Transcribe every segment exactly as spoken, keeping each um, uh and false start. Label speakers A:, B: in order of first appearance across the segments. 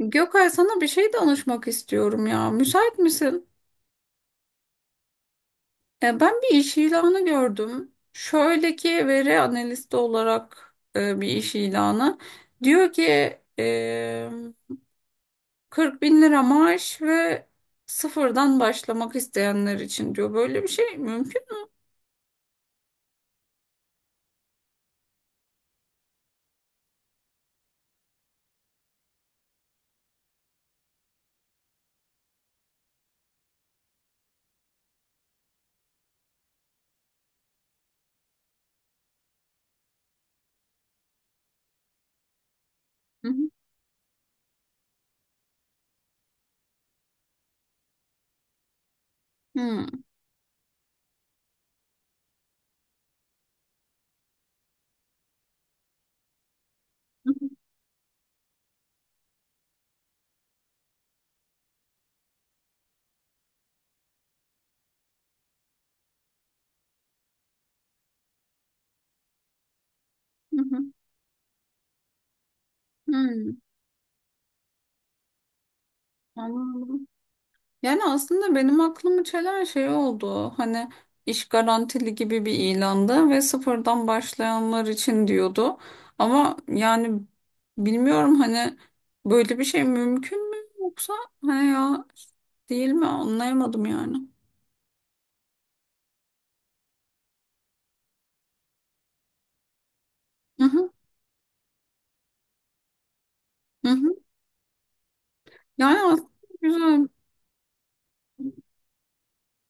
A: Gökay sana bir şey danışmak istiyorum ya. Müsait misin? E, ben bir iş ilanı gördüm. Şöyle ki veri analisti olarak e, bir iş ilanı. Diyor ki e, kırk bin lira maaş ve sıfırdan başlamak isteyenler için diyor. Böyle bir şey mümkün mü? Hı hı. Hı hı. Hı hı. Hı. Anladım. Yani aslında benim aklımı çelen şey oldu. Hani iş garantili gibi bir ilandı ve sıfırdan başlayanlar için diyordu. Ama yani bilmiyorum hani böyle bir şey mümkün mü yoksa hani ya değil mi anlayamadım yani. Hı hı, hı hı. Yani aslında güzel.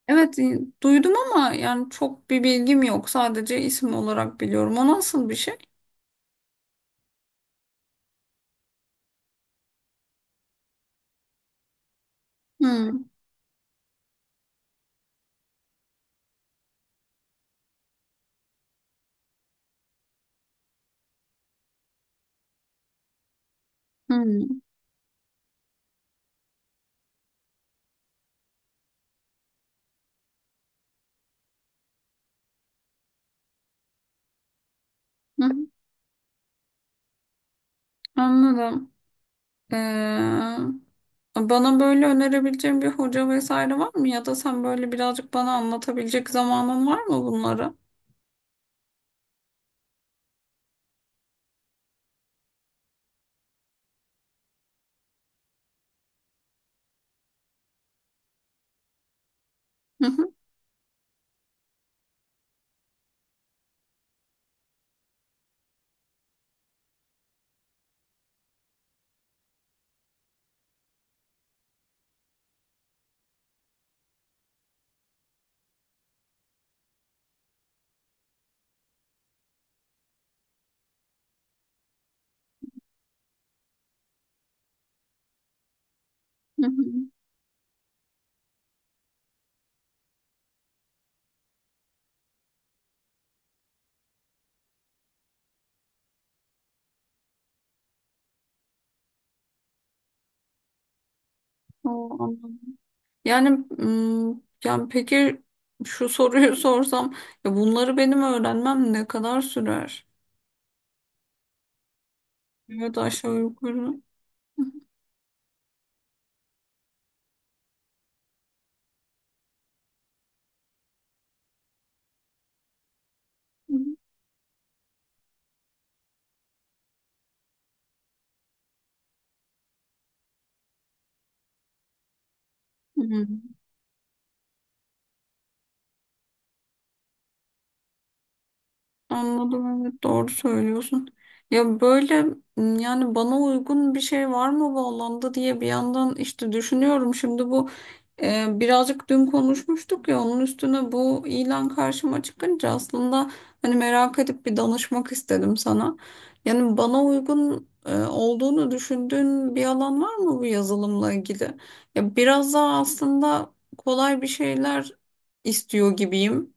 A: Evet, e, duydum ama yani çok bir bilgim yok. Sadece isim olarak biliyorum. O nasıl bir şey? Hı, hı, hı. Anladım. Ee, Bana böyle önerebileceğin bir hoca vesaire var mı? Ya da sen böyle birazcık bana anlatabilecek zamanın var mı bunları? Hı hı, hı hı. Oo, anladım. Yani, mm, yani peki şu soruyu sorsam ya bunları benim öğrenmem ne kadar sürer? Ya da aşağı yukarı. Hı hı, hı hı. Anladım, evet, doğru söylüyorsun. Ya böyle m, yani bana uygun bir şey var mı bu alanda diye bir yandan işte düşünüyorum. Şimdi bu e, birazcık dün konuşmuştuk ya onun üstüne bu ilan karşıma çıkınca aslında hani merak edip bir danışmak istedim sana. Yani bana uygun e, olduğunu düşündüğün bir alan var mı bu yazılımla ilgili? Ya biraz daha aslında kolay bir şeyler istiyor gibiyim.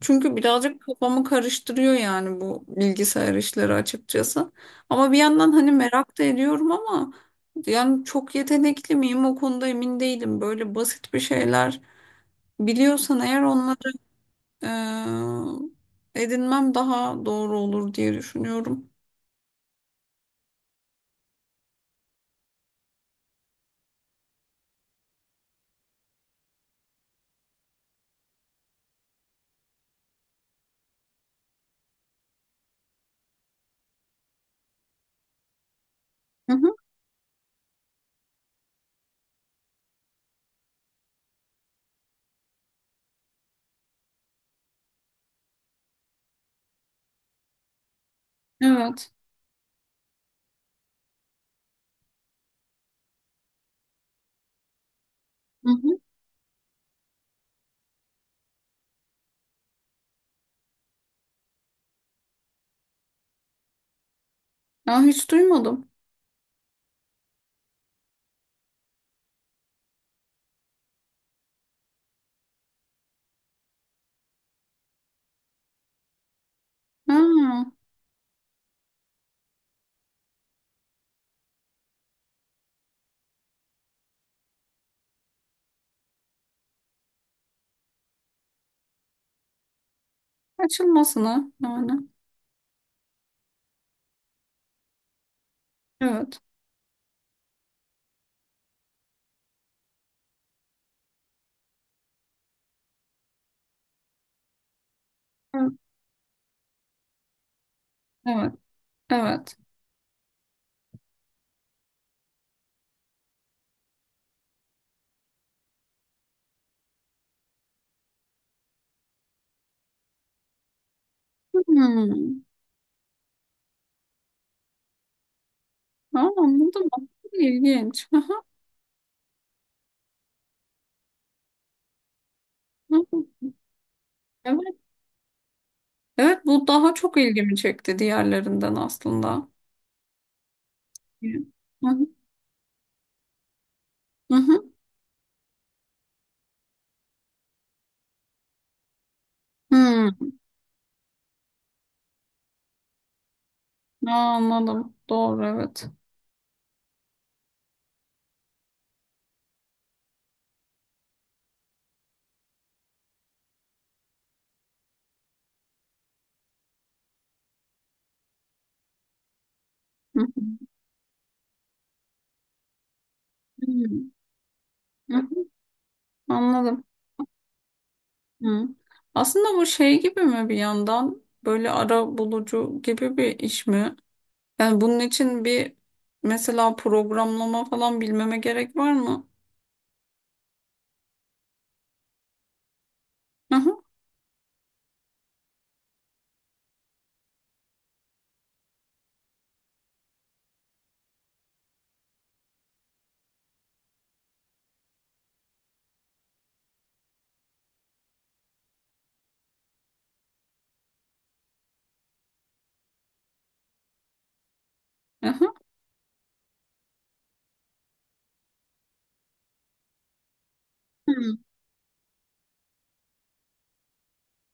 A: Çünkü birazcık kafamı karıştırıyor yani bu bilgisayar işleri açıkçası. Ama bir yandan hani merak da ediyorum ama yani çok yetenekli miyim o konuda emin değilim. Böyle basit bir şeyler biliyorsan eğer onları eee, edinmem daha doğru olur diye düşünüyorum. Hı hı, evet. Hı hı. Ya hiç duymadım. Ha, açılmasın ha yani. Evet. Evet. Evet. Evet. Hmm. Ha, anladım. Aslında İlginç. Aha. Evet, evet bu daha çok ilgimi çekti diğerlerinden aslında. Hı hı. Hı hı. Hı. Aa, anladım. Doğru, evet. Hı hı. Hı hı. Anladım. Hı. Aslında bu şey gibi mi, bir yandan böyle ara bulucu gibi bir iş mi? Yani bunun için bir mesela programlama falan bilmeme gerek var mı? Hı hı. Hı hı. Hı.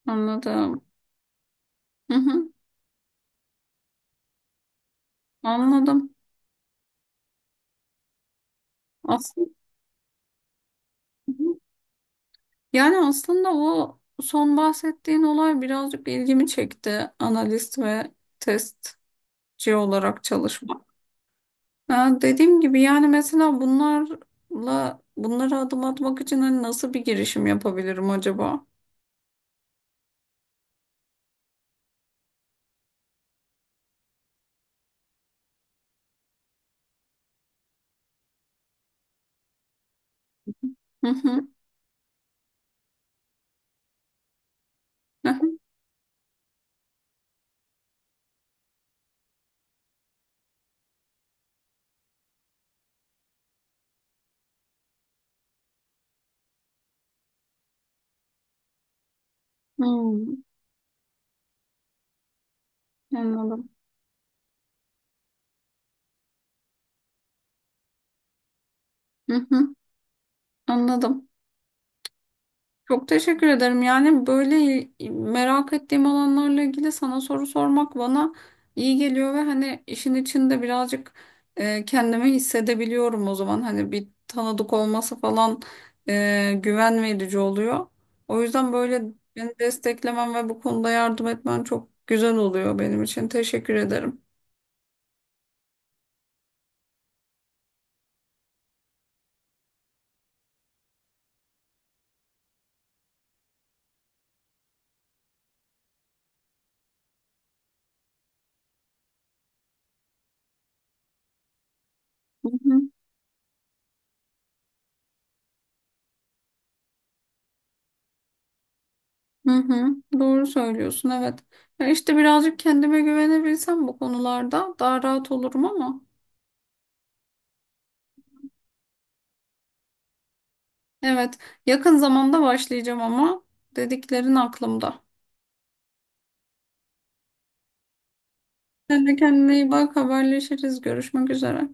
A: Anladım. Hı hı. Anladım. Aslında. Yani aslında o son bahsettiğin olay birazcık ilgimi çekti. Analist ve testçi olarak çalışmak. Ha, dediğim gibi yani mesela bunlarla bunlara adım atmak için hani nasıl bir girişim yapabilirim acaba? Hı hı. Hı hı. Hmm, anladım. Hı hı, anladım. Çok teşekkür ederim. Yani böyle merak ettiğim alanlarla ilgili sana soru sormak bana iyi geliyor ve hani işin içinde birazcık e, kendimi hissedebiliyorum o zaman. Hani bir tanıdık olması falan e, güven verici oluyor. O yüzden böyle beni desteklemen ve bu konuda yardım etmen çok güzel oluyor benim için. Teşekkür ederim. Hı hı, hı hı. Doğru söylüyorsun, evet. Ya işte birazcık kendime güvenebilsem bu konularda daha rahat olurum ama. Evet, yakın zamanda başlayacağım ama dediklerin aklımda. Sen de kendine iyi bak, haberleşiriz, görüşmek üzere.